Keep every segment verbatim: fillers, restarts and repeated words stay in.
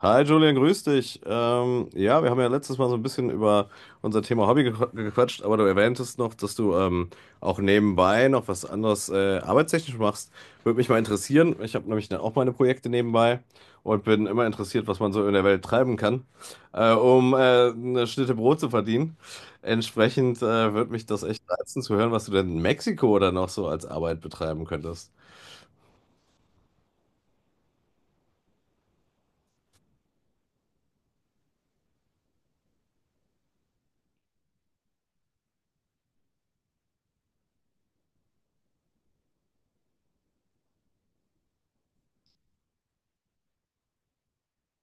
Hi Julian, grüß dich. Ähm, ja, wir haben ja letztes Mal so ein bisschen über unser Thema Hobby gequ- gequatscht, aber du erwähntest noch, dass du ähm, auch nebenbei noch was anderes äh, arbeitstechnisch machst. Würde mich mal interessieren. Ich habe nämlich dann auch meine Projekte nebenbei und bin immer interessiert, was man so in der Welt treiben kann, äh, um äh, eine Schnitte Brot zu verdienen. Entsprechend äh, würde mich das echt reizen zu hören, was du denn in Mexiko oder noch so als Arbeit betreiben könntest.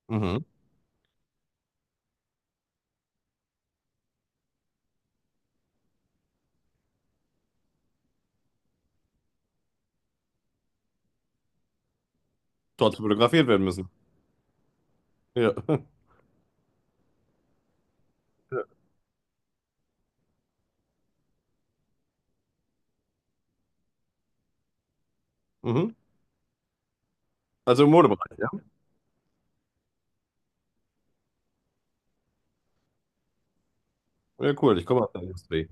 Mhm. Dort fotografiert werden müssen. Ja. Mhm. Also im Modebereich. Ja. Ja, cool, ich komme aus der Industrie.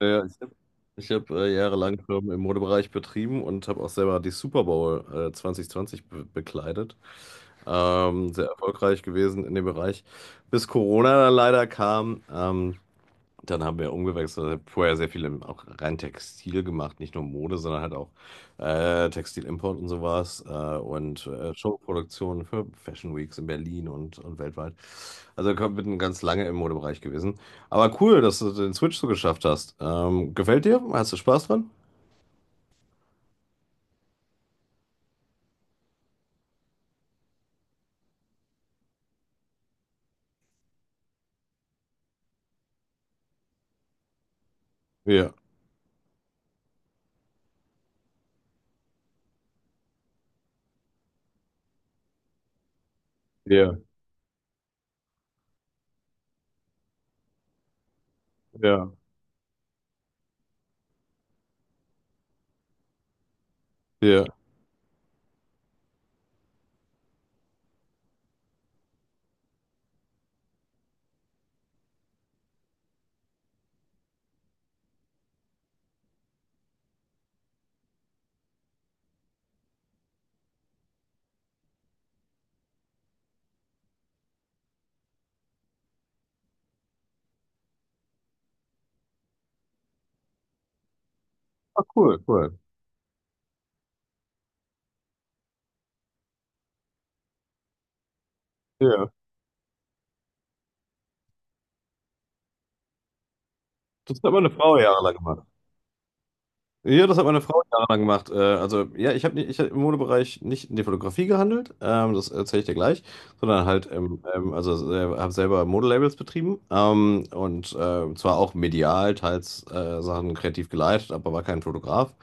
Ja, ja, ich habe ich hab, äh, jahrelang Firmen im Modebereich betrieben und habe auch selber die Super Bowl äh, zwanzig zwanzig be bekleidet. Ähm, sehr erfolgreich gewesen in dem Bereich, bis Corona dann leider kam. Ähm, Dann haben wir umgewechselt, also vorher sehr viel im, auch rein Textil gemacht, nicht nur Mode, sondern halt auch äh, Textilimport und sowas äh, und äh, Showproduktionen für Fashion Weeks in Berlin und, und weltweit. Also komm, bin ganz lange im Modebereich gewesen. Aber cool, dass du den Switch so geschafft hast. Ähm, gefällt dir? Hast du Spaß dran? Ja, ja, ja, ja. Ah, cool, cool. Ja. Das hat meine Frau jahrelang gemacht. Ja, das hat meine Frau jahrelang gemacht. Äh, also, ja, ich habe nicht, ich hab im Modebereich nicht in die Fotografie gehandelt, ähm, das erzähle ich dir gleich, sondern halt, ähm, ähm, also äh, habe selber Modelabels betrieben ähm, und äh, zwar auch medial, teils äh, Sachen kreativ geleitet, aber war kein Fotograf,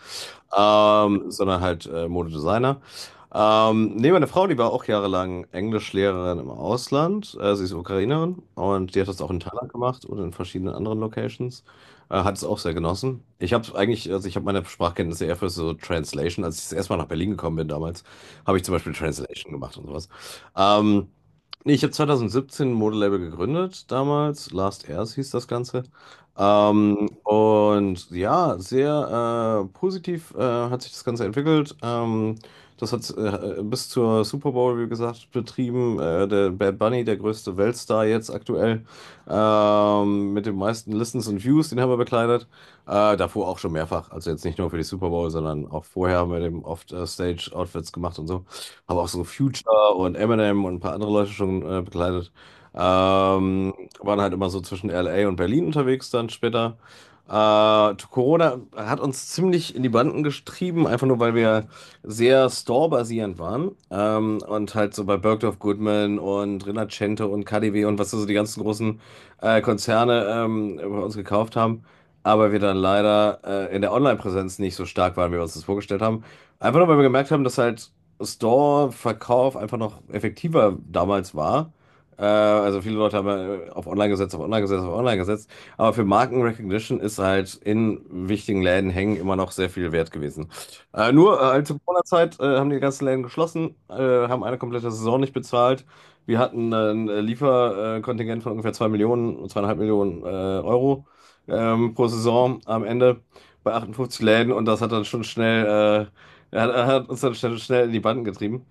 ähm, sondern halt äh, Modedesigner. Ähm, nee, meine Frau, die war auch jahrelang Englischlehrerin im Ausland. Äh, sie ist Ukrainerin und die hat das auch in Thailand gemacht und in verschiedenen anderen Locations. Äh, hat es auch sehr genossen. Ich habe eigentlich, also ich habe meine Sprachkenntnisse eher für so Translation. Als ich das erste Mal nach Berlin gekommen bin damals, habe ich zum Beispiel Translation gemacht und sowas. Ähm, nee, Ich habe zwanzig siebzehn ein Modelabel gegründet damals. Last Airs hieß das Ganze. Ähm, und ja, sehr äh, positiv äh, hat sich das Ganze entwickelt. Ähm, das hat äh, bis zur Super Bowl, wie gesagt, betrieben. Äh, der Bad Bunny, der größte Weltstar jetzt aktuell, ähm, mit den meisten Listens und Views, den haben wir bekleidet. Äh, davor auch schon mehrfach. Also jetzt nicht nur für die Super Bowl, sondern auch vorher haben wir dem oft äh, Stage-Outfits gemacht und so. Haben auch so Future und Eminem und ein paar andere Leute schon äh, bekleidet. Ähm, Waren halt immer so zwischen L A und Berlin unterwegs dann später. Äh, Corona hat uns ziemlich in die Banden getrieben, einfach nur weil wir sehr store waren. Ähm, und halt so bei Bergdorf Goodman und Rinascente und KaDeWe und was so die ganzen großen äh, Konzerne ähm, bei uns gekauft haben. Aber wir dann leider äh, in der Online-Präsenz nicht so stark waren, wie wir uns das vorgestellt haben. Einfach nur, weil wir gemerkt haben, dass halt Store-Verkauf einfach noch effektiver damals war. Äh, also viele Leute haben äh, auf Online gesetzt, auf Online gesetzt, auf Online gesetzt. Aber für Markenrecognition ist halt in wichtigen Läden hängen immer noch sehr viel wert gewesen. Äh, nur äh, halt zur Corona-Zeit äh, haben die ganzen Läden geschlossen, äh, haben eine komplette Saison nicht bezahlt. Wir hatten äh, ein Lieferkontingent von ungefähr zwei Millionen, zweieinhalb Millionen äh, Euro ähm, pro Saison am Ende bei achtundfünfzig Läden und das hat dann schon schnell, äh, hat, hat uns dann schnell, schnell in die Banden getrieben.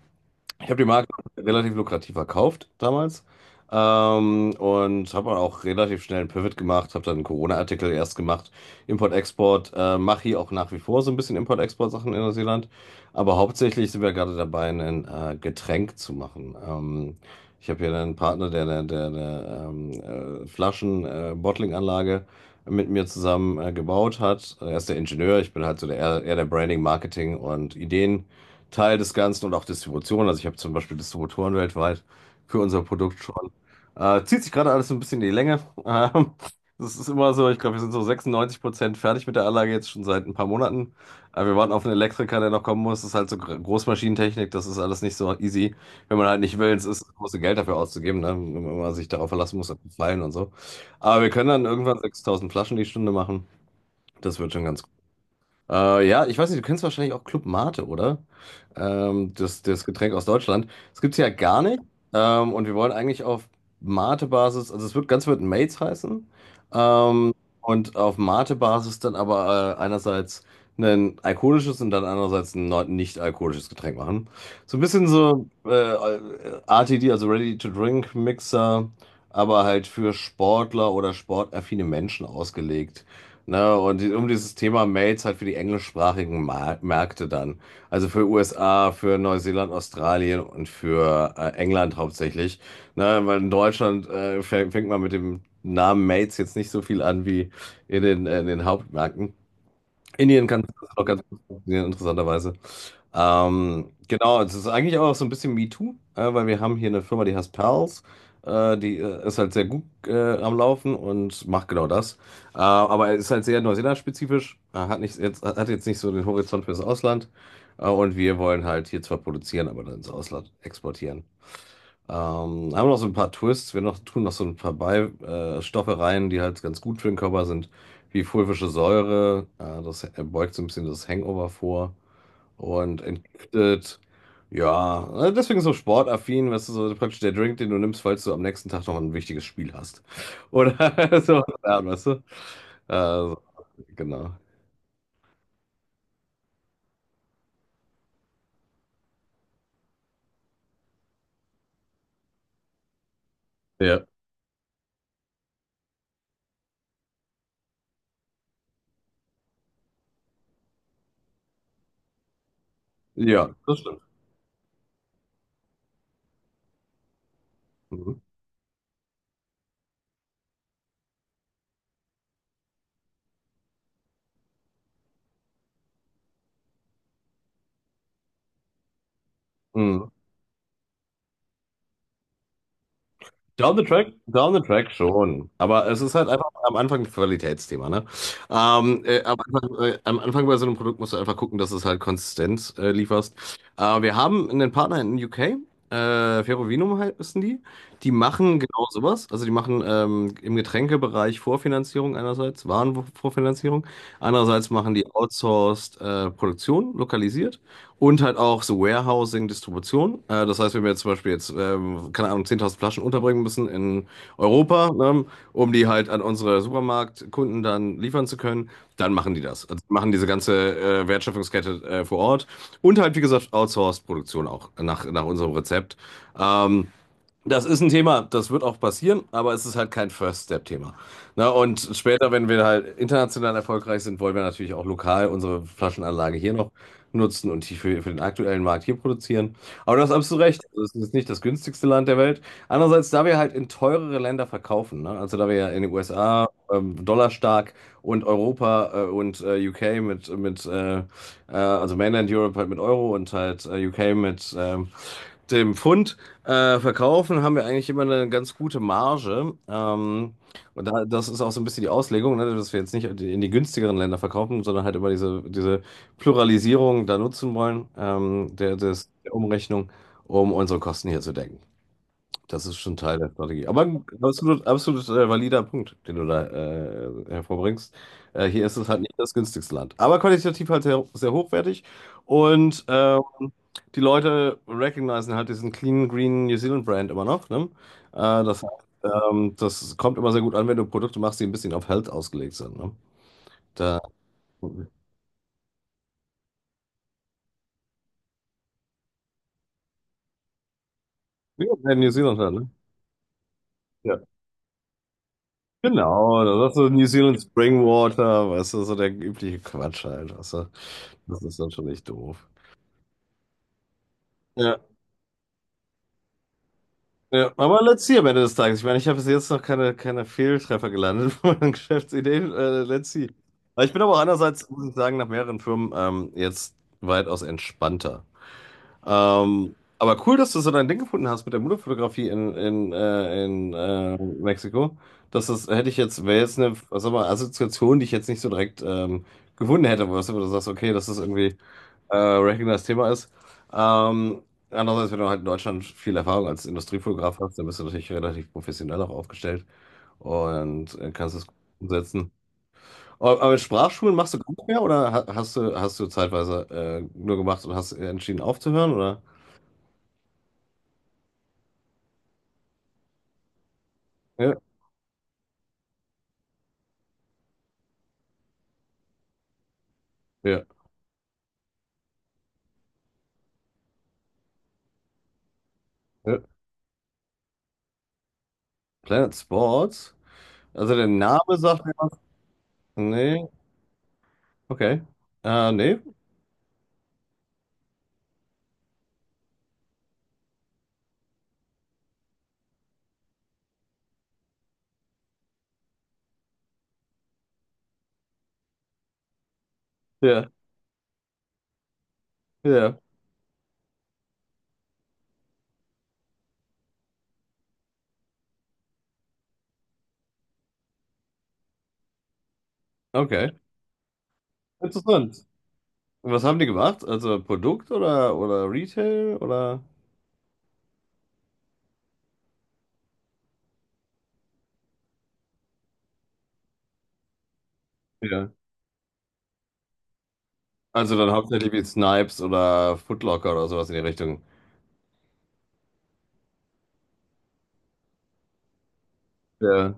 Ich habe die Marke relativ lukrativ verkauft damals ähm, und habe auch relativ schnell einen Pivot gemacht, habe dann einen Corona-Artikel erst gemacht, Import-Export, äh, mache hier auch nach wie vor so ein bisschen Import-Export-Sachen in Neuseeland, aber hauptsächlich sind wir gerade dabei, ein äh, Getränk zu machen. Ähm, ich habe hier einen Partner, der eine der, der, ähm, äh, Flaschen-Bottling-Anlage mit mir zusammen äh, gebaut hat. Er ist der Ingenieur, ich bin halt so der, eher der Branding, Marketing und Ideen. Teil des Ganzen und auch Distribution. Also ich habe zum Beispiel Distributoren weltweit für unser Produkt schon. Äh, zieht sich gerade alles so ein bisschen in die Länge. Ähm, Das ist immer so, ich glaube, wir sind so sechsundneunzig Prozent fertig mit der Anlage jetzt schon seit ein paar Monaten. Äh, wir warten auf einen Elektriker, der noch kommen muss. Das ist halt so Gro- Großmaschinentechnik, das ist alles nicht so easy. Wenn man halt nicht will, es ist, musst du Geld dafür auszugeben, ne? Wenn man sich darauf verlassen muss, auf die Fallen und so. Aber wir können dann irgendwann sechstausend Flaschen die Stunde machen. Das wird schon ganz äh, ja, ich weiß nicht, du kennst wahrscheinlich auch Club Mate, oder? Ähm, das, das Getränk aus Deutschland. Das gibt's ja gar nicht. Ähm, und wir wollen eigentlich auf Mate-Basis, also es wird ganz wird Mates heißen. Ähm, und auf Mate-Basis dann aber äh, einerseits ein alkoholisches und dann andererseits ein neu- nicht alkoholisches Getränk machen. So ein bisschen so äh, R T D, also Ready-to-Drink-Mixer, aber halt für Sportler oder sportaffine Menschen ausgelegt. Ne? Und die- um dieses Thema Mails halt für die englischsprachigen Mar Märkte dann. Also für U S A, für Neuseeland, Australien und für äh, England hauptsächlich. Ne? Weil in Deutschland äh, fäng- fängt man mit dem Namen Mails jetzt nicht so viel an wie in den, äh, in den Hauptmärkten. Indien kann das auch ganz gut funktionieren, interessanterweise. Ähm, genau, es ist eigentlich auch so ein bisschen MeToo, äh, weil wir haben hier eine Firma, die heißt Pals. Äh, die äh, ist halt sehr gut äh, am Laufen und macht genau das. Äh, aber ist halt sehr Neuseeland-spezifisch, äh, hat nicht, jetzt, hat jetzt nicht so den Horizont fürs Ausland. Äh, und wir wollen halt hier zwar produzieren, aber dann ins Ausland exportieren. Ähm, Haben noch so ein paar Twists, wir noch, tun noch so ein paar Beistoffe äh, Stoffe rein, die halt ganz gut für den Körper sind, wie fulvische Säure, äh, das äh, beugt so ein bisschen das Hangover vor und entgiftet. Ja, äh, deswegen so sportaffin, weißt du, so praktisch der Drink, den du nimmst, falls du am nächsten Tag noch ein wichtiges Spiel hast. Oder so, ja, weißt du? Äh, so, genau. Ja. Ja, das stimmt. Mhm. Mhm. Down the track, down the track schon. Aber es ist halt einfach am Anfang ein Qualitätsthema, ne? Ähm, äh, am Anfang, äh, am Anfang bei so einem Produkt musst du einfach gucken, dass es halt Konsistenz äh, lieferst. Äh, wir haben einen Partner in den U K, äh, Ferrovinum halt, wissen die. Die machen genau sowas. Also die machen ähm, im Getränkebereich Vorfinanzierung einerseits, Warenvorfinanzierung. Andererseits machen die outsourced äh, Produktion, lokalisiert. Und halt auch so Warehousing, Distribution. Äh, das heißt, wenn wir jetzt zum Beispiel jetzt, ähm, keine Ahnung, zehntausend Flaschen unterbringen müssen in Europa, ne, um die halt an unsere Supermarktkunden dann liefern zu können, dann machen die das. Also machen diese ganze äh, Wertschöpfungskette äh, vor Ort. Und halt, wie gesagt, Outsourced-Produktion auch nach, nach unserem Rezept. Ähm, Das ist ein Thema, das wird auch passieren, aber es ist halt kein First-Step-Thema. Na, und später, wenn wir halt international erfolgreich sind, wollen wir natürlich auch lokal unsere Flaschenanlage hier noch nutzen und die für, für den aktuellen Markt hier produzieren. Aber das hast absolut recht. Also es ist nicht das günstigste Land der Welt. Andererseits, da wir halt in teurere Länder verkaufen, ne? Also da wir ja in den U S A ähm, dollarstark und Europa äh, und äh, U K mit, mit äh, äh, also Mainland Europe halt mit Euro und halt äh, U K mit ähm, dem Pfund äh, verkaufen haben wir eigentlich immer eine ganz gute Marge. Ähm, und da, das ist auch so ein bisschen die Auslegung, ne, dass wir jetzt nicht in die günstigeren Länder verkaufen, sondern halt immer diese, diese Pluralisierung da nutzen wollen, ähm, der, des, der Umrechnung, um unsere Kosten hier zu decken. Das ist schon Teil der Strategie. Aber ein absolut, absolut äh, valider Punkt, den du da äh, hervorbringst. Äh, hier ist es halt nicht das günstigste Land. Aber qualitativ halt sehr, sehr hochwertig. Und ähm, die Leute recognizen halt diesen Clean Green New Zealand Brand immer noch. Ne? Äh, Das heißt, ähm, das kommt immer sehr gut an, wenn du Produkte machst, die ein bisschen auf Health ausgelegt sind. Ne? Da, ja, in New Zealand halt, ne? Ja. Genau, das ist so New Zealand Spring Water, weißt du, so der übliche Quatsch halt. Also, das ist natürlich doof. Ja, ja, aber let's see am Ende des Tages. Ich meine, ich habe bis jetzt noch keine, keine Fehltreffer gelandet von meinen Geschäftsideen. Äh, let's see. Aber ich bin aber auch andererseits, muss ich sagen, nach mehreren Firmen ähm, jetzt weitaus entspannter. Ähm, aber cool, dass du so dein Ding gefunden hast mit der Modefotografie in, in, äh, in äh, Mexiko. Das ist, hätte ich jetzt, wäre jetzt eine, was sag mal, Assoziation, die ich jetzt nicht so direkt ähm, gefunden hätte, wo du sagst, okay, das ist irgendwie. äh, Racking Thema ist. Ähm, Andererseits, wenn du halt in Deutschland viel Erfahrung als Industriefotograf hast, dann bist du natürlich relativ professionell auch aufgestellt und äh, kannst es gut umsetzen. Aber aber mit Sprachschulen machst du gar nicht mehr oder ha- hast du, hast du zeitweise äh, nur gemacht und hast entschieden aufzuhören, oder? Ja, ja, ja. Planet Sports? Also der Name sagt mir was? Nee, okay. Äh, nee? Ja, ja, okay. Interessant. Und was haben die gemacht? Also Produkt oder, oder Retail oder? Ja. Also dann hauptsächlich wie Snipes oder Footlocker oder sowas in die Richtung. Ja.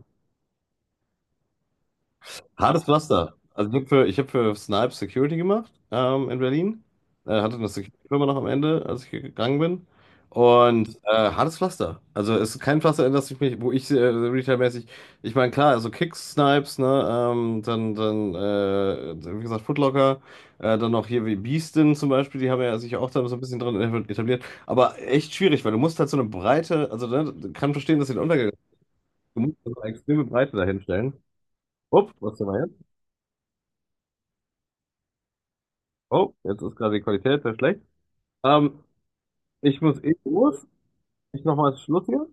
Hartes Pflaster. Also ich habe für, ich hab für Snipes Security gemacht ähm, in Berlin. Äh, hatte eine Security-Firma noch am Ende, als ich gegangen bin. Und äh, hartes Pflaster. Also es ist kein Pflaster, in das ich mich, wo ich äh, retailmäßig, ich meine, klar, also Kicks, Snipes, ne, ähm, dann, dann äh, wie gesagt, Footlocker, äh, dann noch hier wie Beastin zum Beispiel, die haben ja sich auch da so ein bisschen drin etabliert. Aber echt schwierig, weil du musst halt so eine Breite, also ne, kann verstehen, dass sie den untergegangen. Du musst so eine extreme Breite dahinstellen. Upp, was war jetzt? Oh, jetzt ist gerade die Qualität sehr schlecht. Ähm, Ich muss eh los. Ich noch mal Schluss hier.